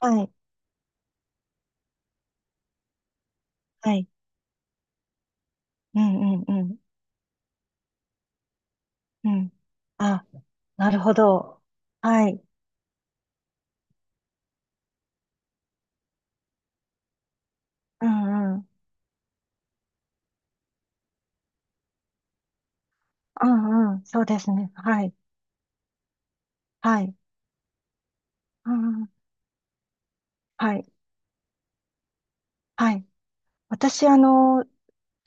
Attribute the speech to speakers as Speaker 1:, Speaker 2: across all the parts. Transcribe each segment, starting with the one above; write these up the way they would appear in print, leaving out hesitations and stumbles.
Speaker 1: はい、はい。うん、うん、うん、うん。あ、なるほど。はい。うん、うん。うん、うん。そうですね。はい、はい。うん、うん。はい、はい。私、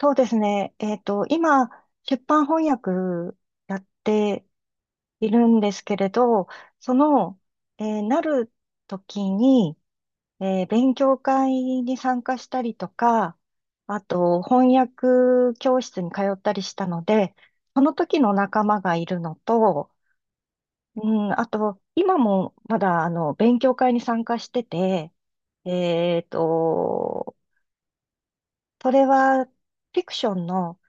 Speaker 1: そうですね。今、出版翻訳やっているんですけれど、その、なる時に、勉強会に参加したりとか、あと翻訳教室に通ったりしたので、その時の仲間がいるのと、うん、あと、今もまだあの勉強会に参加してて、えっと、それはフィクションの、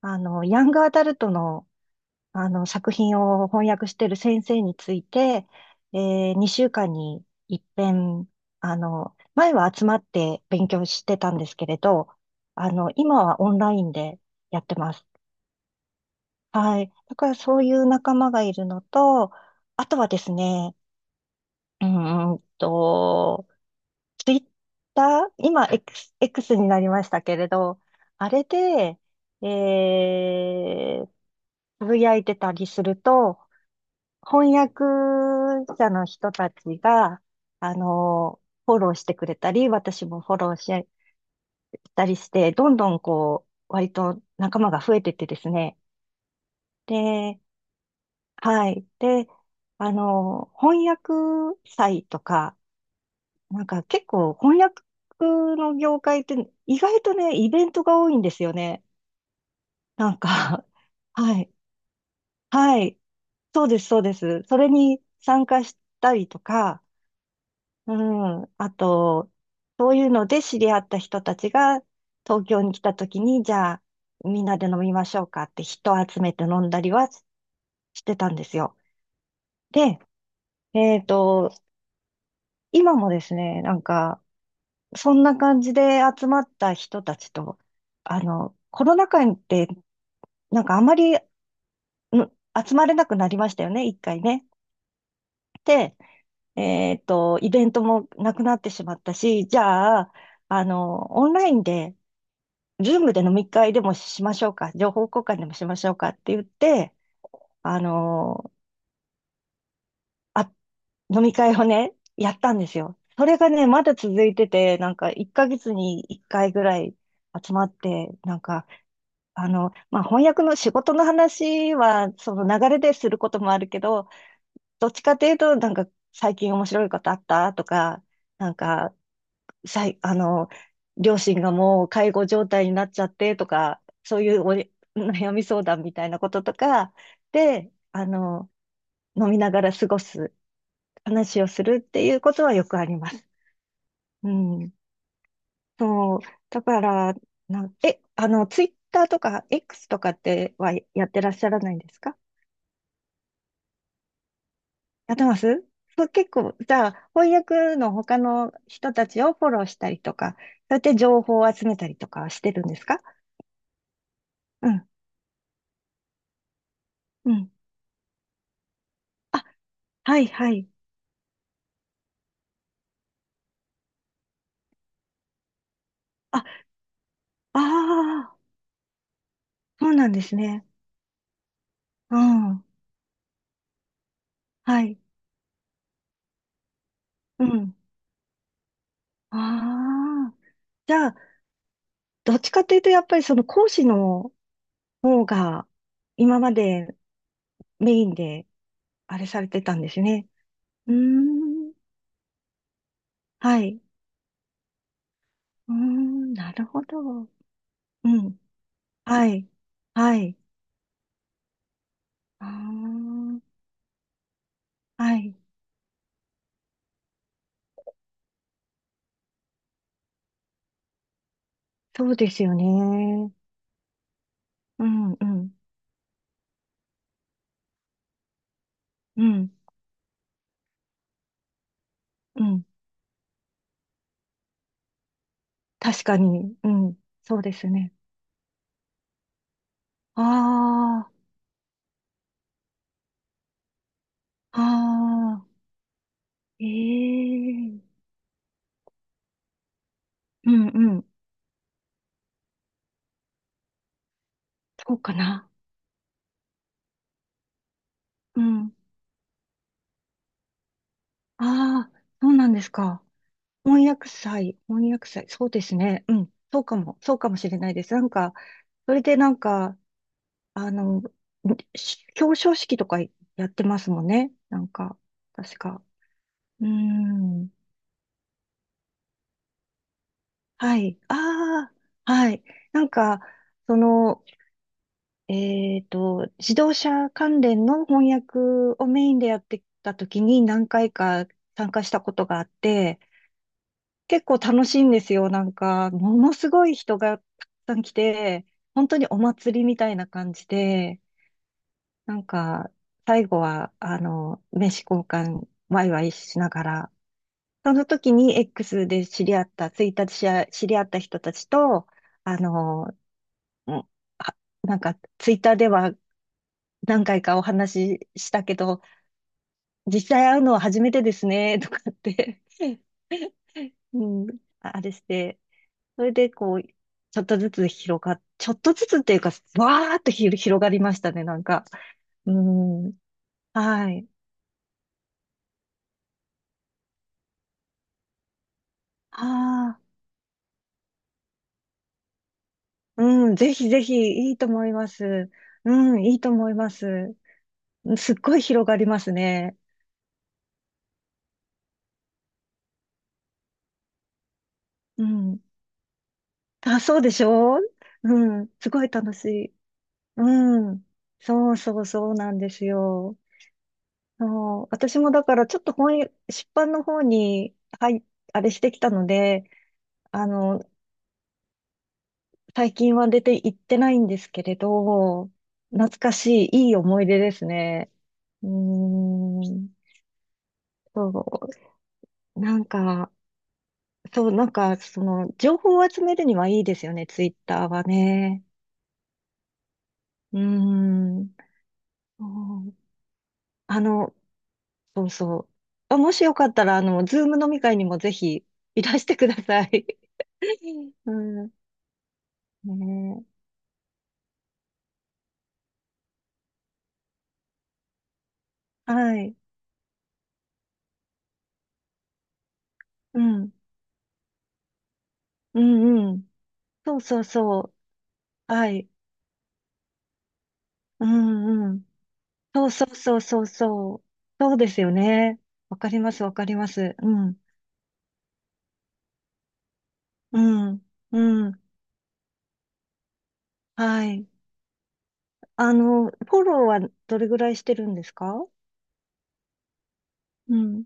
Speaker 1: ヤングアダルトの作品を翻訳している先生について、え2週間に一遍、前は集まって勉強してたんですけれど、今はオンラインでやってます。はい。だからそういう仲間がいるのと、あとはですね、うーんと、ツイッター、今 X になりましたけれど、あれで、えー、つぶやいてたりすると、翻訳者の人たちが、あの、フォローしてくれたり、私もフォローしたりして、どんどんこう、割と仲間が増えてってですね。で、はい。で、翻訳祭とか、なんか結構翻訳の業界って意外とね、イベントが多いんですよね。なんか はい。はい。そうです、そうです。それに参加したりとか、うん。あと、そういうので知り合った人たちが東京に来た時に、じゃあみんなで飲みましょうかって人を集めて飲んだりはしてたんですよ。で、えっと、今もですね、なんか、そんな感じで集まった人たちと、コロナ禍にって、なんかあまり、集まれなくなりましたよね、一回ね。で、イベントもなくなってしまったし、じゃあ、オンラインで、ズームで飲み会でもしましょうか、情報交換でもしましょうかって言って、あのーあ、飲み会をね、やったんですよ。それがね、まだ続いてて、なんか1ヶ月に1回ぐらい集まって、なんか、まあ、翻訳の仕事の話は、その流れですることもあるけど、どっちかというと、なんか最近面白いことあったとか、なんかさい、あの、両親がもう介護状態になっちゃってとか、そういう悩み相談みたいなこととかで、飲みながら過ごす、話をするっていうことはよくあります。うん。そう。だから、ツイッターとか X とかってはやってらっしゃらないんですか？やってます？そう、結構、じゃあ、翻訳の他の人たちをフォローしたりとか、そうやって情報を集めたりとかはしてるんですか？うん。うん。はいはい。あ、ああ、そうなんですね。うん。はい。うん。ああ。じゃあ、どっちかというと、やっぱりその講師の方が、今までメインで、あれされてたんですね。うーん。はい。うーん。なるほど。うん。はい。はい。ああ。はい。そうですよね。うん、うん。うん、うん。確かに。うん。そうですね。ああ。ああ、ええ、うんうん。そうかな。うん。ああ、そうなんですか。翻訳祭、翻訳祭、そうですね。うん。そうかも、そうかもしれないです。なんか、それでなんか、あの、表彰式とかやってますもんね。なんか、確か。うーん。はい。ああ、はい。なんか、その、自動車関連の翻訳をメインでやってた時に何回か参加したことがあって、結構楽しいんですよ。なんか、ものすごい人がたくさん来て、本当にお祭りみたいな感じで、なんか、最後は、名刺交換、ワイワイしながら、その時に X で知り合った、ツイッターで知り合った人たちと、あの、うんあなんか、ツイッターでは何回かお話ししたけど、実際会うのは初めてですね、とかって うん、あれして、それでこう、ちょっとずつっていうか、わーっと広がりましたね、なんか。うん、はい。ああ、うん、ぜひぜひいいと思います。うん、いいと思います。すっごい広がりますね。うん。あ、そうでしょう？うん、すごい楽しい。うん。そうそうそうなんですよ。そう、私もだからちょっと本屋、出版の方に、はい、あれしてきたので、あの、最近は出て行ってないんですけれど、懐かしい、いい思い出ですね。うーん、そう、なんか、そう、なんか、その、情報を集めるにはいいですよね、ツイッターはね。うーん、そう、あの、そうそう。あ、もしよかったら、ズーム飲み会にもぜひいらしてください。うん、ねえ、はい。うん。うんうん。そうそうそう。はい。うんうん。そうそうそうそうそう。そうですよね。わかります、わかります。うん。うん。うん。はい。フォローはどれぐらいしてるんですか？うん。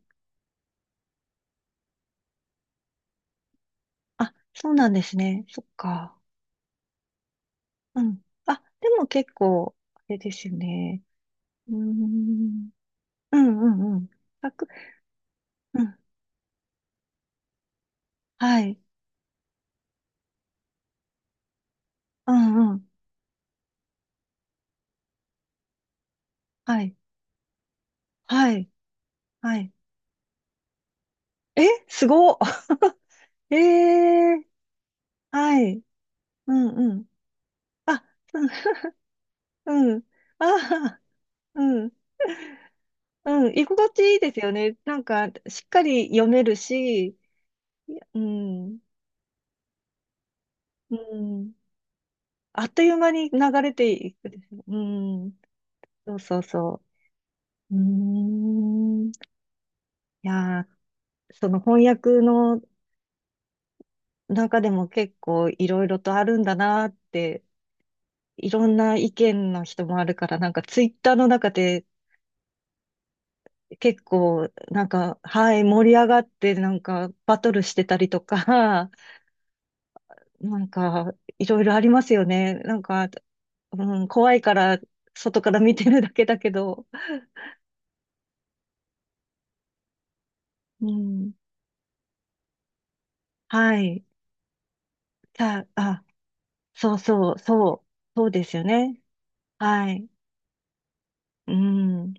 Speaker 1: あ、そうなんですね。そっか。うん。あ、でも結構、あれですよね。うーん。うんうんうん。100、うん。はい。うんうん。はい。はい。はい。え、すごっ。ええ、はい。うんうん。あ、うん、うん。あー、うん。うん、居心地いいですよね。なんか、しっかり読めるし、いや、うん、うん。あっという間に流れていくでしょ？うん、そうそうそう。うーん。いやー、その翻訳の中でも結構いろいろとあるんだなーって、いろんな意見の人もあるから、なんかツイッターの中で結構、なんか、はい、盛り上がって、なんか、バトルしてたりとか、なんか、いろいろありますよね。なんか、うん、怖いから、外から見てるだけだけど、うん、はい。じゃあ、あ、そうそう、そう、そうですよね。はい。うん、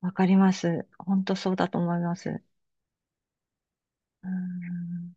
Speaker 1: わかります。本当そうだと思います。うん